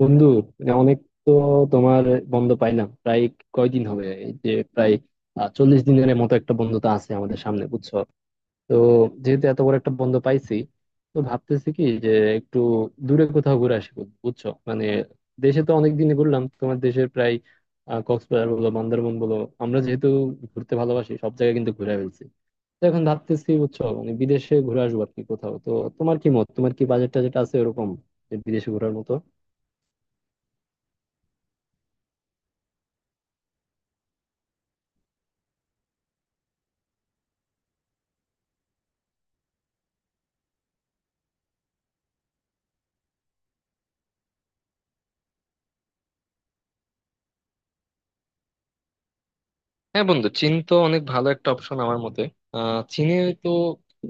বন্ধু মানে অনেক। তো তোমার বন্ধ পাইলাম প্রায়, কয়দিন হবে এই যে প্রায় চল্লিশ দিনের মতো একটা বন্ধ তো আছে আমাদের সামনে, বুঝছো? তো যেহেতু এত বড় একটা বন্ধ পাইছি, তো ভাবতেছি কি যে একটু দূরে কোথাও ঘুরে আসি বন্ধু, বুঝছো মানে। দেশে তো অনেক দিনই ঘুরলাম তোমার, দেশের প্রায় কক্সবাজার বলো, বান্দরবন বলো, আমরা যেহেতু ঘুরতে ভালোবাসি, সব জায়গায় কিন্তু ঘুরে ফেলছি। তো এখন ভাবতেছি, বুঝছো মানে, বিদেশে ঘুরে আসবো আর কি কোথাও। তো তোমার কি মত? তোমার কি বাজেট টাজেট আছে এরকম যে বিদেশে ঘোরার মতো? হ্যাঁ বন্ধু, চীন তো অনেক ভালো একটা অপশন আমার মতে। চীনে তো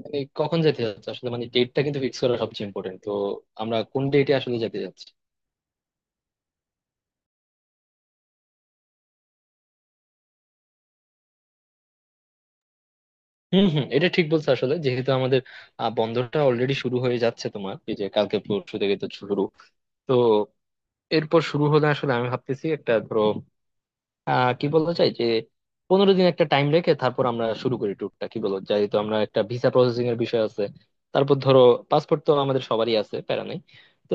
মানে কখন যেতে যাচ্ছে আসলে, মানে ডেটটা কিন্তু ফিক্স করা সবচেয়ে ইম্পর্টেন্ট। তো আমরা কোন ডেটে আসলে যেতে যাচ্ছি? হম হম এটা ঠিক বলছো। আসলে যেহেতু আমাদের বন্ধটা অলরেডি শুরু হয়ে যাচ্ছে তোমার, এই যে কালকে পরশু থেকে তো শুরু। তো এরপর শুরু হলে আসলে আমি ভাবতেছি একটা, ধরো কি বলতে চাই যে পনেরো দিন একটা টাইম রেখে তারপর আমরা শুরু করি ট্যুরটা, কি বলো? যেহেতু আমরা একটা ভিসা প্রসেসিং এর বিষয় আছে, তারপর ধরো পাসপোর্ট তো আমাদের সবারই আছে, প্যারা নাই। তো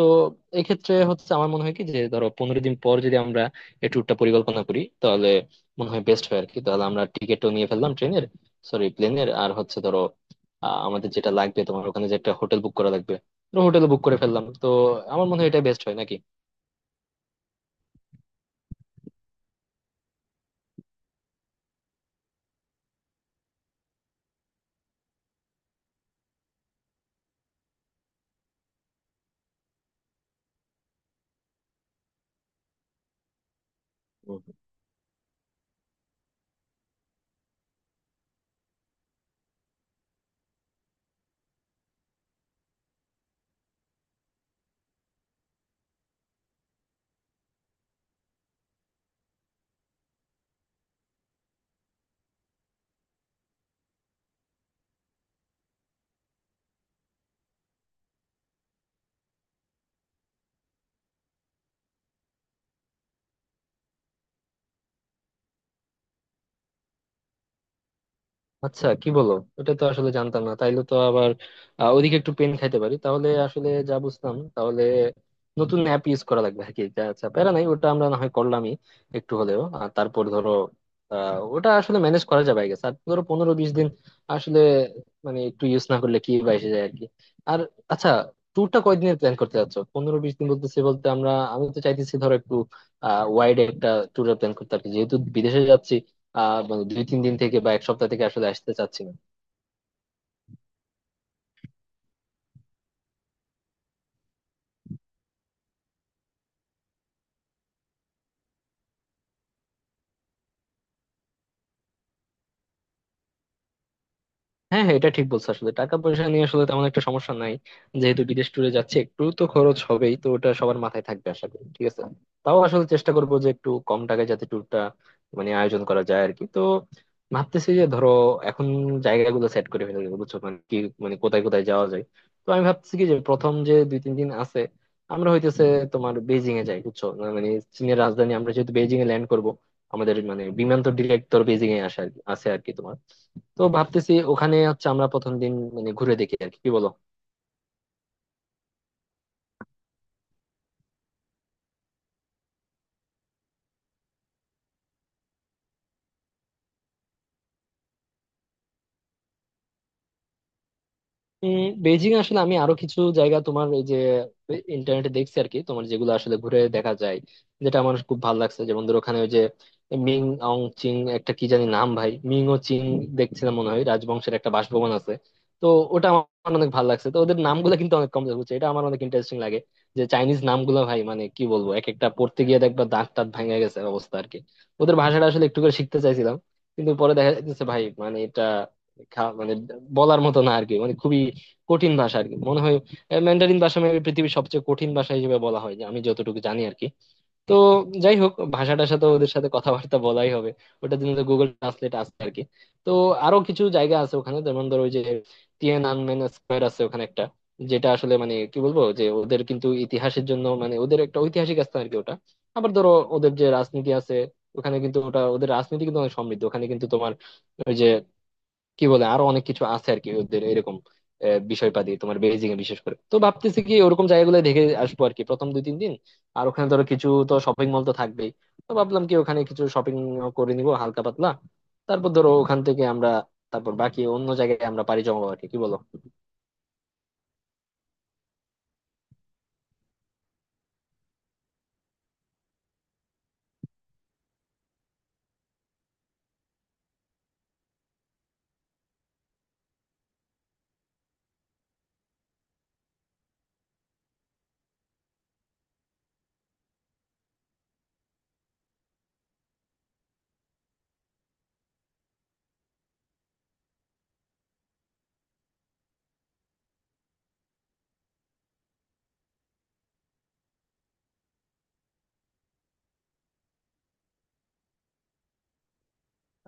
এক্ষেত্রে হচ্ছে আমার মনে হয় কি যে ধরো 15 দিন পর যদি আমরা এই ট্যুরটা পরিকল্পনা করি তাহলে মনে হয় বেস্ট হয় আর কি। তাহলে আমরা টিকিটও নিয়ে ফেললাম ট্রেনের, সরি প্লেনের, আর হচ্ছে ধরো আমাদের যেটা লাগবে তোমার ওখানে যে একটা হোটেল বুক করা লাগবে, হোটেল বুক করে ফেললাম। তো আমার মনে হয় এটা বেস্ট হয় নাকি। আচ্ছা কি বলো, এটা তো আসলে জানতাম না। তাইলে তো আবার ওদিকে একটু পেন খাইতে পারি। তাহলে আসলে যা বুঝলাম, তাহলে নতুন অ্যাপ ইউজ করা লাগবে আর কি। যা, আচ্ছা প্যারা নাই, ওটা আমরা না হয় করলামই একটু হলেও। আর তারপর ধরো ওটা আসলে ম্যানেজ করা যাবে আই গেস। আর ধরো 15-20 দিন আসলে মানে একটু ইউজ না করলে কি বা এসে যায় আর কি। আর আচ্ছা, ট্যুরটা কয়দিনের প্ল্যান করতে চাচ্ছ? 15-20 দিন বলতেছি, বলতে আমরা, আমি তো চাইতেছি ধরো একটু ওয়াইড একটা ট্যুরের প্ল্যান করতে আর কি, যেহেতু বিদেশে যাচ্ছি। মানে 2-3 দিন থেকে বা 1 সপ্তাহ থেকে আসলে আসতে চাচ্ছি না। হ্যাঁ হ্যাঁ, এটা ঠিক বলছো। আসলে টাকা পয়সা নিয়ে আসলে তেমন একটা সমস্যা নাই, যেহেতু বিদেশ ট্যুরে যাচ্ছে একটু তো খরচ হবেই, তো ওটা সবার মাথায় থাকবে আশা করি, ঠিক আছে। তাও আসলে চেষ্টা করবো যে একটু কম টাকায় যাতে ট্যুরটা মানে আয়োজন করা যায় আর কি। তো ভাবতেছি যে ধরো এখন জায়গাগুলো সেট করে ফেলে দেবো, বুঝছো মানে কি মানে কোথায় কোথায় যাওয়া যায়। তো আমি ভাবছি কি যে প্রথম যে 2-3 দিন আছে, আমরা হইতেছে তোমার বেজিং এ যাই, বুঝছো? মানে চীনের রাজধানী। আমরা যেহেতু বেজিং এ ল্যান্ড করবো, আমাদের মানে বিমান তো ডিরেক্ট তোর বেজিং এ আসে আর কি, আছে আর কি তোমার। তো ভাবতেছি ওখানে হচ্ছে আমরা প্রথম দিন মানে ঘুরে দেখি আর কি, কি বলো? উম বেজিং আসলে আমি আরো কিছু জায়গা তোমার এই যে ইন্টারনেটে দেখছি আর কি তোমার, যেগুলো আসলে ঘুরে দেখা যায়, যেটা আমার খুব ভালো লাগছে, যেমন ধর ওখানে ওই যে মিং অং চিং, একটা কি জানি নাম ভাই, মিং ও চিং দেখছিলাম মনে হয় রাজবংশের একটা বাসভবন আছে। তো ওটা আমার অনেক ভালো লাগছে। তো ওদের নামগুলো কিন্তু অনেক কম বুঝছে, এটা আমার অনেক ইন্টারেস্টিং লাগে যে চাইনিজ নামগুলো ভাই, মানে কি বলবো, এক একটা পড়তে গিয়ে দেখবা দাঁত টাত ভাঙে গেছে অবস্থা আর কি। ওদের ভাষাটা আসলে একটু করে শিখতে চাইছিলাম, কিন্তু পরে দেখা যাচ্ছে ভাই মানে এটা মানে বলার মতো না আর কি, মানে খুবই কঠিন ভাষা আর কি মনে হয়। ম্যান্ডারিন ভাষা মেবি পৃথিবীর সবচেয়ে কঠিন ভাষা হিসেবে বলা হয় যে, আমি যতটুকু জানি আর কি। তো যাই হোক, ভাষাটার সাথে ওদের সাথে কথাবার্তা বলাই হবে, ওটার জন্য তো গুগল ট্রান্সলেট আছে আর কি। তো আরো কিছু জায়গা আছে ওখানে, যেমন ধরো ওই যে টিএন আনমেন স্কয়ার আছে ওখানে একটা, যেটা আসলে মানে কি বলবো যে ওদের কিন্তু ইতিহাসের জন্য, মানে ওদের একটা ঐতিহাসিক স্থান আর কি ওটা। আবার ধরো ওদের যে রাজনীতি আছে ওখানে, কিন্তু ওটা ওদের রাজনীতি কিন্তু অনেক সমৃদ্ধ ওখানে, কিন্তু তোমার ওই যে কি বলে, আরো অনেক কিছু আছে আর কি ওদের এরকম বিষয়পাতি তোমার বেজিং এ বিশেষ করে। তো ভাবতেছি কি ওরকম জায়গাগুলো দেখে আসবো আর কি প্রথম 2-3 দিন। আর ওখানে ধরো কিছু তো শপিং মল তো থাকবেই, তো ভাবলাম কি ওখানে কিছু শপিং করে নিবো হালকা পাতলা। তারপর ধরো ওখান থেকে আমরা তারপর বাকি অন্য জায়গায় আমরা পাড়ি জমাবো আর কি, কি বলো?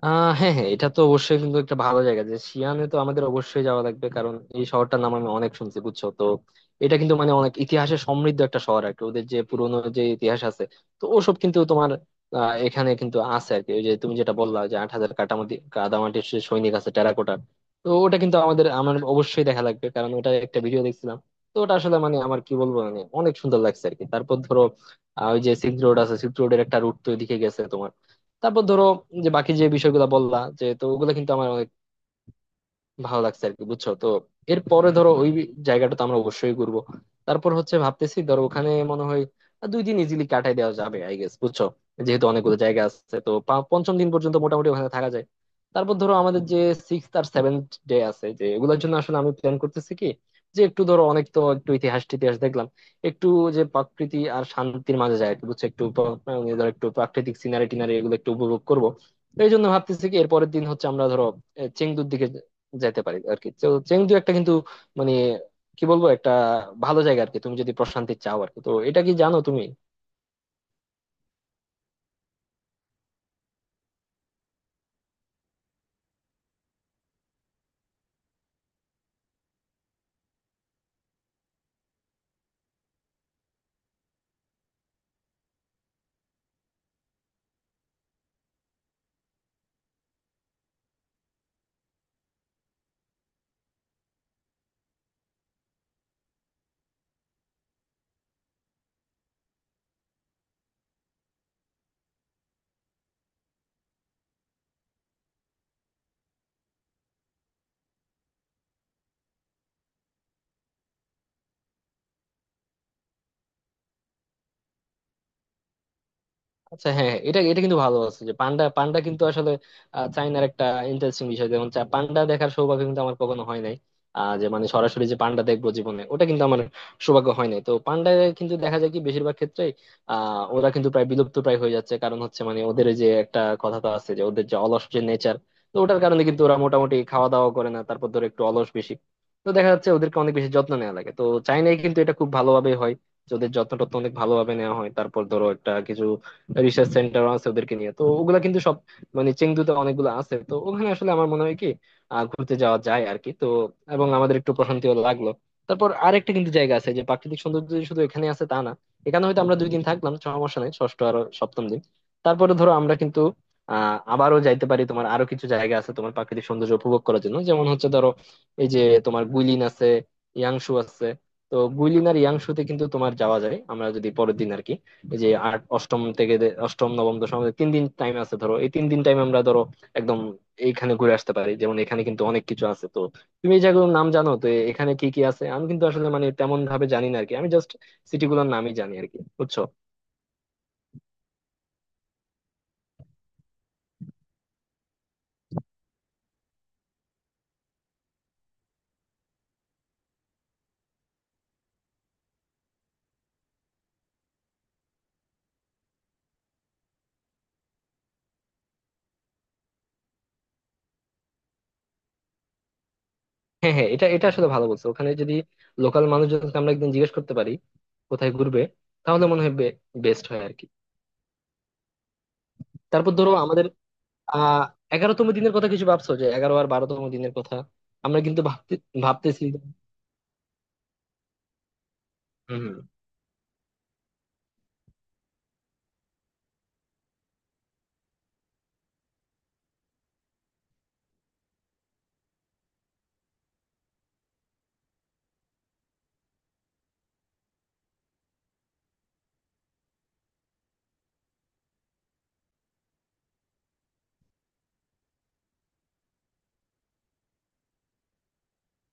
হ্যাঁ হ্যাঁ, এটা তো অবশ্যই কিন্তু একটা ভালো জায়গা যে শিয়ানে তো আমাদের অবশ্যই যাওয়া লাগবে, কারণ এই শহরটার নাম আমি অনেক শুনছি, বুঝছো? তো এটা কিন্তু মানে অনেক ইতিহাসে সমৃদ্ধ একটা শহর আর কি, ওদের যে পুরোনো যে ইতিহাস আছে, তো ওসব কিন্তু তোমার এখানে কিন্তু আছে আর কি। ওই যে তুমি যেটা বললা যে 8,000 কাটামাটি কাদামাটির সে সৈনিক আছে, টেরাকোটা। তো ওটা কিন্তু আমাদের, আমার অবশ্যই দেখা লাগবে, কারণ ওটা একটা ভিডিও দেখছিলাম। তো ওটা আসলে মানে আমার কি বলবো, মানে অনেক সুন্দর লাগছে আর কি। তারপর ধরো ওই যে সিল্ক রোড আছে, সিল্ক রোডের একটা রুট তো ওইদিকে গেছে। তারপর ধরো যে বাকি যে বিষয়গুলো বললা, যে তো ওগুলো কিন্তু আমার অনেক ভালো লাগছে আর কি, বুঝছো তো। এরপরে ধরো ওই জায়গাটা তো আমরা অবশ্যই ঘুরবো। তারপর হচ্ছে ভাবতেছি ধরো ওখানে মনে হয় 2 দিন ইজিলি কাটাই দেওয়া যাবে আই গেস, বুঝছো? যেহেতু অনেকগুলো জায়গা আছে, তো পঞ্চম দিন পর্যন্ত মোটামুটি ওখানে থাকা যায়। তারপর ধরো আমাদের যে সিক্স আর সেভেন্থ ডে আছে, যে এগুলোর জন্য আসলে আমি প্ল্যান করতেছি কি, যে একটু ধরো অনেক তো একটু ইতিহাস টিতিহাস দেখলাম, একটু যে প্রকৃতি আর শান্তির মাঝে যায় আর কি, বুঝছো, একটু মানে ধরো একটু প্রাকৃতিক সিনারি টিনারি এগুলো একটু উপভোগ করবো। তো এই জন্য ভাবতেছি কি এরপরের দিন হচ্ছে আমরা ধরো এ, চেংদুর দিকে যাইতে পারি আর কি। তো চেংদু একটা কিন্তু মানে কি বলবো, একটা ভালো জায়গা আর কি তুমি যদি প্রশান্তি চাও আর কি। তো এটা কি জানো তুমি? আচ্ছা হ্যাঁ হ্যাঁ, এটা এটা কিন্তু ভালো আছে যে পান্ডা। পান্ডা কিন্তু আসলে চায়নার একটা ইন্টারেস্টিং বিষয়, যেমন পান্ডা দেখার সৌভাগ্য কিন্তু আমার কখনো হয় নাই। যে মানে সরাসরি যে পান্ডা দেখবো জীবনে, ওটা কিন্তু আমার সৌভাগ্য হয় নাই। তো পান্ডা কিন্তু দেখা যায় কি বেশিরভাগ ক্ষেত্রে, ওরা কিন্তু প্রায় বিলুপ্ত প্রায় হয়ে যাচ্ছে। কারণ হচ্ছে মানে ওদের ওই যে একটা কথা তো আছে যে ওদের যে অলস যে নেচার, তো ওটার কারণে কিন্তু ওরা মোটামুটি খাওয়া দাওয়া করে না, তারপর ধরো একটু অলস বেশি। তো দেখা যাচ্ছে ওদেরকে অনেক বেশি যত্ন নেওয়া লাগে। তো চাইনায় কিন্তু এটা খুব ভালোভাবে হয়, যে ওদের যত্ন টত্ন অনেক ভালোভাবে নেওয়া হয়। তারপর ধরো একটা কিছু রিসার্চ সেন্টার আছে ওদেরকে নিয়ে, তো ওগুলা কিন্তু সব মানে চেংদুতে অনেকগুলো আছে। তো ওখানে আসলে আমার মনে হয় কি ঘুরতে যাওয়া যায় আর কি, তো এবং আমাদের একটু প্রশান্তিও লাগলো। তারপর আরেকটা কিন্তু জায়গা আছে যে প্রাকৃতিক সৌন্দর্য যে শুধু এখানে আছে তা না। এখানে হয়তো আমরা 2 দিন থাকলাম সমস্যা নেই, ষষ্ঠ আর সপ্তম দিন। তারপরে ধরো আমরা কিন্তু আবারও যাইতে পারি তোমার আরো কিছু জায়গা আছে তোমার প্রাকৃতিক সৌন্দর্য উপভোগ করার জন্য, যেমন হচ্ছে ধরো এই যে তোমার গুইলিন আছে, ইয়াংশু আছে। তো গুইলিন আর ইয়াংশুতে কিন্তু তোমার যাওয়া যায় আমরা যদি পরের দিন আর কি এই যে আট অষ্টম থেকে অষ্টম নবম দশম, আমাদের 3 দিন টাইম আছে। ধরো এই 3 দিন টাইম আমরা ধরো একদম এইখানে ঘুরে আসতে পারি, যেমন এখানে কিন্তু অনেক কিছু আছে। তো তুমি এই জায়গাগুলোর নাম জানো তো এখানে কি কি আছে? আমি কিন্তু আসলে মানে তেমন ভাবে জানি না আরকি, আমি জাস্ট সিটি গুলোর নামই জানি আরকি, বুঝছো? হ্যাঁ হ্যাঁ, এটা এটা আসলে ভালো বলছো, ওখানে যদি লোকাল মানুষজনকে আমরা একদিন জিজ্ঞেস করতে পারি কোথায় ঘুরবে, তাহলে মনে হয় বেস্ট হয় আরকি। তারপর ধরো আমাদের আহ এগারোতম দিনের কথা কিছু ভাবছো? যে এগারো আর বারোতম দিনের কথা আমরা কিন্তু ভাবতেছি। হম।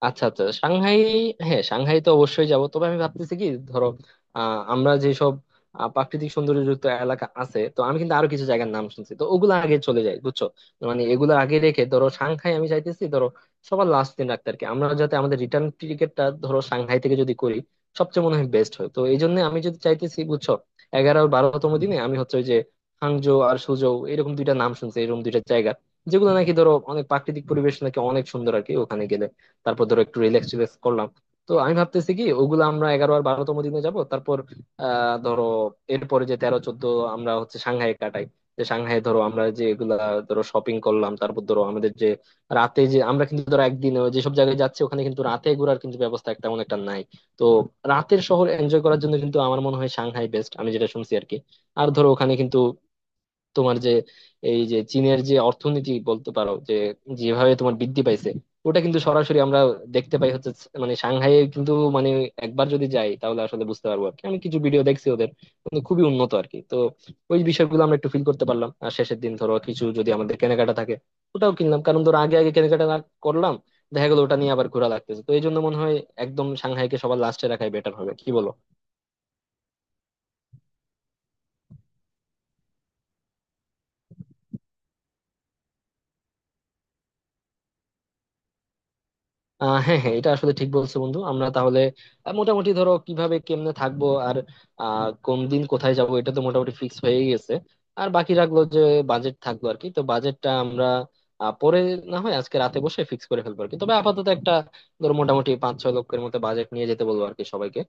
আচ্ছা আচ্ছা সাংহাই, হ্যাঁ সাংহাই তো অবশ্যই যাব। তবে আমি ভাবতেছি কি ধরো আমরা যেসব প্রাকৃতিক সৌন্দর্যযুক্ত এলাকা আছে, তো আমি কিন্তু আরো কিছু জায়গার নাম শুনছি, তো ওগুলো আগে চলে যাই, বুঝছো? মানে এগুলো আগে রেখে ধরো সাংহাই আমি চাইতেছি ধরো সবার লাস্ট দিন রাখতে আর কি, আমরা যাতে আমাদের রিটার্ন টিকিটটা ধরো সাংহাই থেকে যদি করি সবচেয়ে মনে হয় বেস্ট হয়। তো এই জন্য আমি যদি চাইতেছি, বুঝছো, এগারো আর বারোতম দিনে আমি হচ্ছে ওই যে হাংজো আর সুজৌ এরকম দুইটা নাম শুনছি, এরকম দুইটা জায়গা, যেগুলো নাকি ধরো অনেক প্রাকৃতিক পরিবেশ নাকি অনেক সুন্দর আর কি ওখানে গেলে। তারপর ধরো একটু রিল্যাক্স রিল্যাক্স করলাম। তো আমি ভাবতেছি কি ওগুলো আমরা এগারো আর বারোতম দিনে যাব। তারপর ধরো এরপরে যে তেরো চোদ্দ আমরা হচ্ছে সাংহাইয়ে কাটাই, যে সাংহাইয়ে ধরো আমরা যে এগুলা ধরো শপিং করলাম। তারপর ধরো আমাদের যে রাতে, যে আমরা কিন্তু ধরো একদিন যেসব জায়গায় যাচ্ছি ওখানে কিন্তু রাতে ঘোরার কিন্তু ব্যবস্থা একটা তেমন একটা নাই। তো রাতের শহর এনজয় করার জন্য কিন্তু আমার মনে হয় সাংহাই বেস্ট, আমি যেটা শুনছি আর কি। আর ধরো ওখানে কিন্তু তোমার যে এই যে চীনের যে অর্থনীতি বলতে পারো যে যেভাবে তোমার বৃদ্ধি পাইছে, ওটা কিন্তু সরাসরি আমরা দেখতে পাই হচ্ছে মানে সাংহাইয়ে কিন্তু, মানে একবার যদি যাই তাহলে আসলে বুঝতে পারবো আর কি। আমি কিছু ভিডিও দেখছি ওদের, মানে খুবই উন্নত আর কি। তো ওই বিষয়গুলো আমরা একটু ফিল করতে পারলাম। আর শেষের দিন ধরো কিছু যদি আমাদের কেনাকাটা থাকে ওটাও কিনলাম, কারণ ধরো আগে আগে কেনাকাটা না করলাম দেখা গেলো ওটা নিয়ে আবার ঘোরা লাগতেছে। তো এই জন্য মনে হয় একদম সাংহাইকে সবার লাস্টে রাখাই বেটার হবে, কি বলো? হ্যাঁ হ্যাঁ, এটা আসলে ঠিক বলছো বন্ধু। আমরা তাহলে মোটামুটি ধরো কিভাবে কেমনে থাকবো আর কোন দিন কোথায় যাব এটা তো মোটামুটি ফিক্স হয়ে গেছে। আর বাকি রাখলো যে বাজেট থাকলো আর কি। তো বাজেটটা আমরা পরে না হয় আজকে রাতে বসে ফিক্স করে ফেলবো আর কি। তবে আপাতত একটা ধরো মোটামুটি 5-6 লক্ষের মতো বাজেট নিয়ে যেতে বলবো আর কি সবাইকে।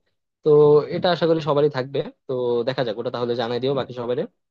তো এটা আশা করি সবারই থাকবে। তো দেখা যাক, ওটা তাহলে জানাই দিও বাকি সবাই।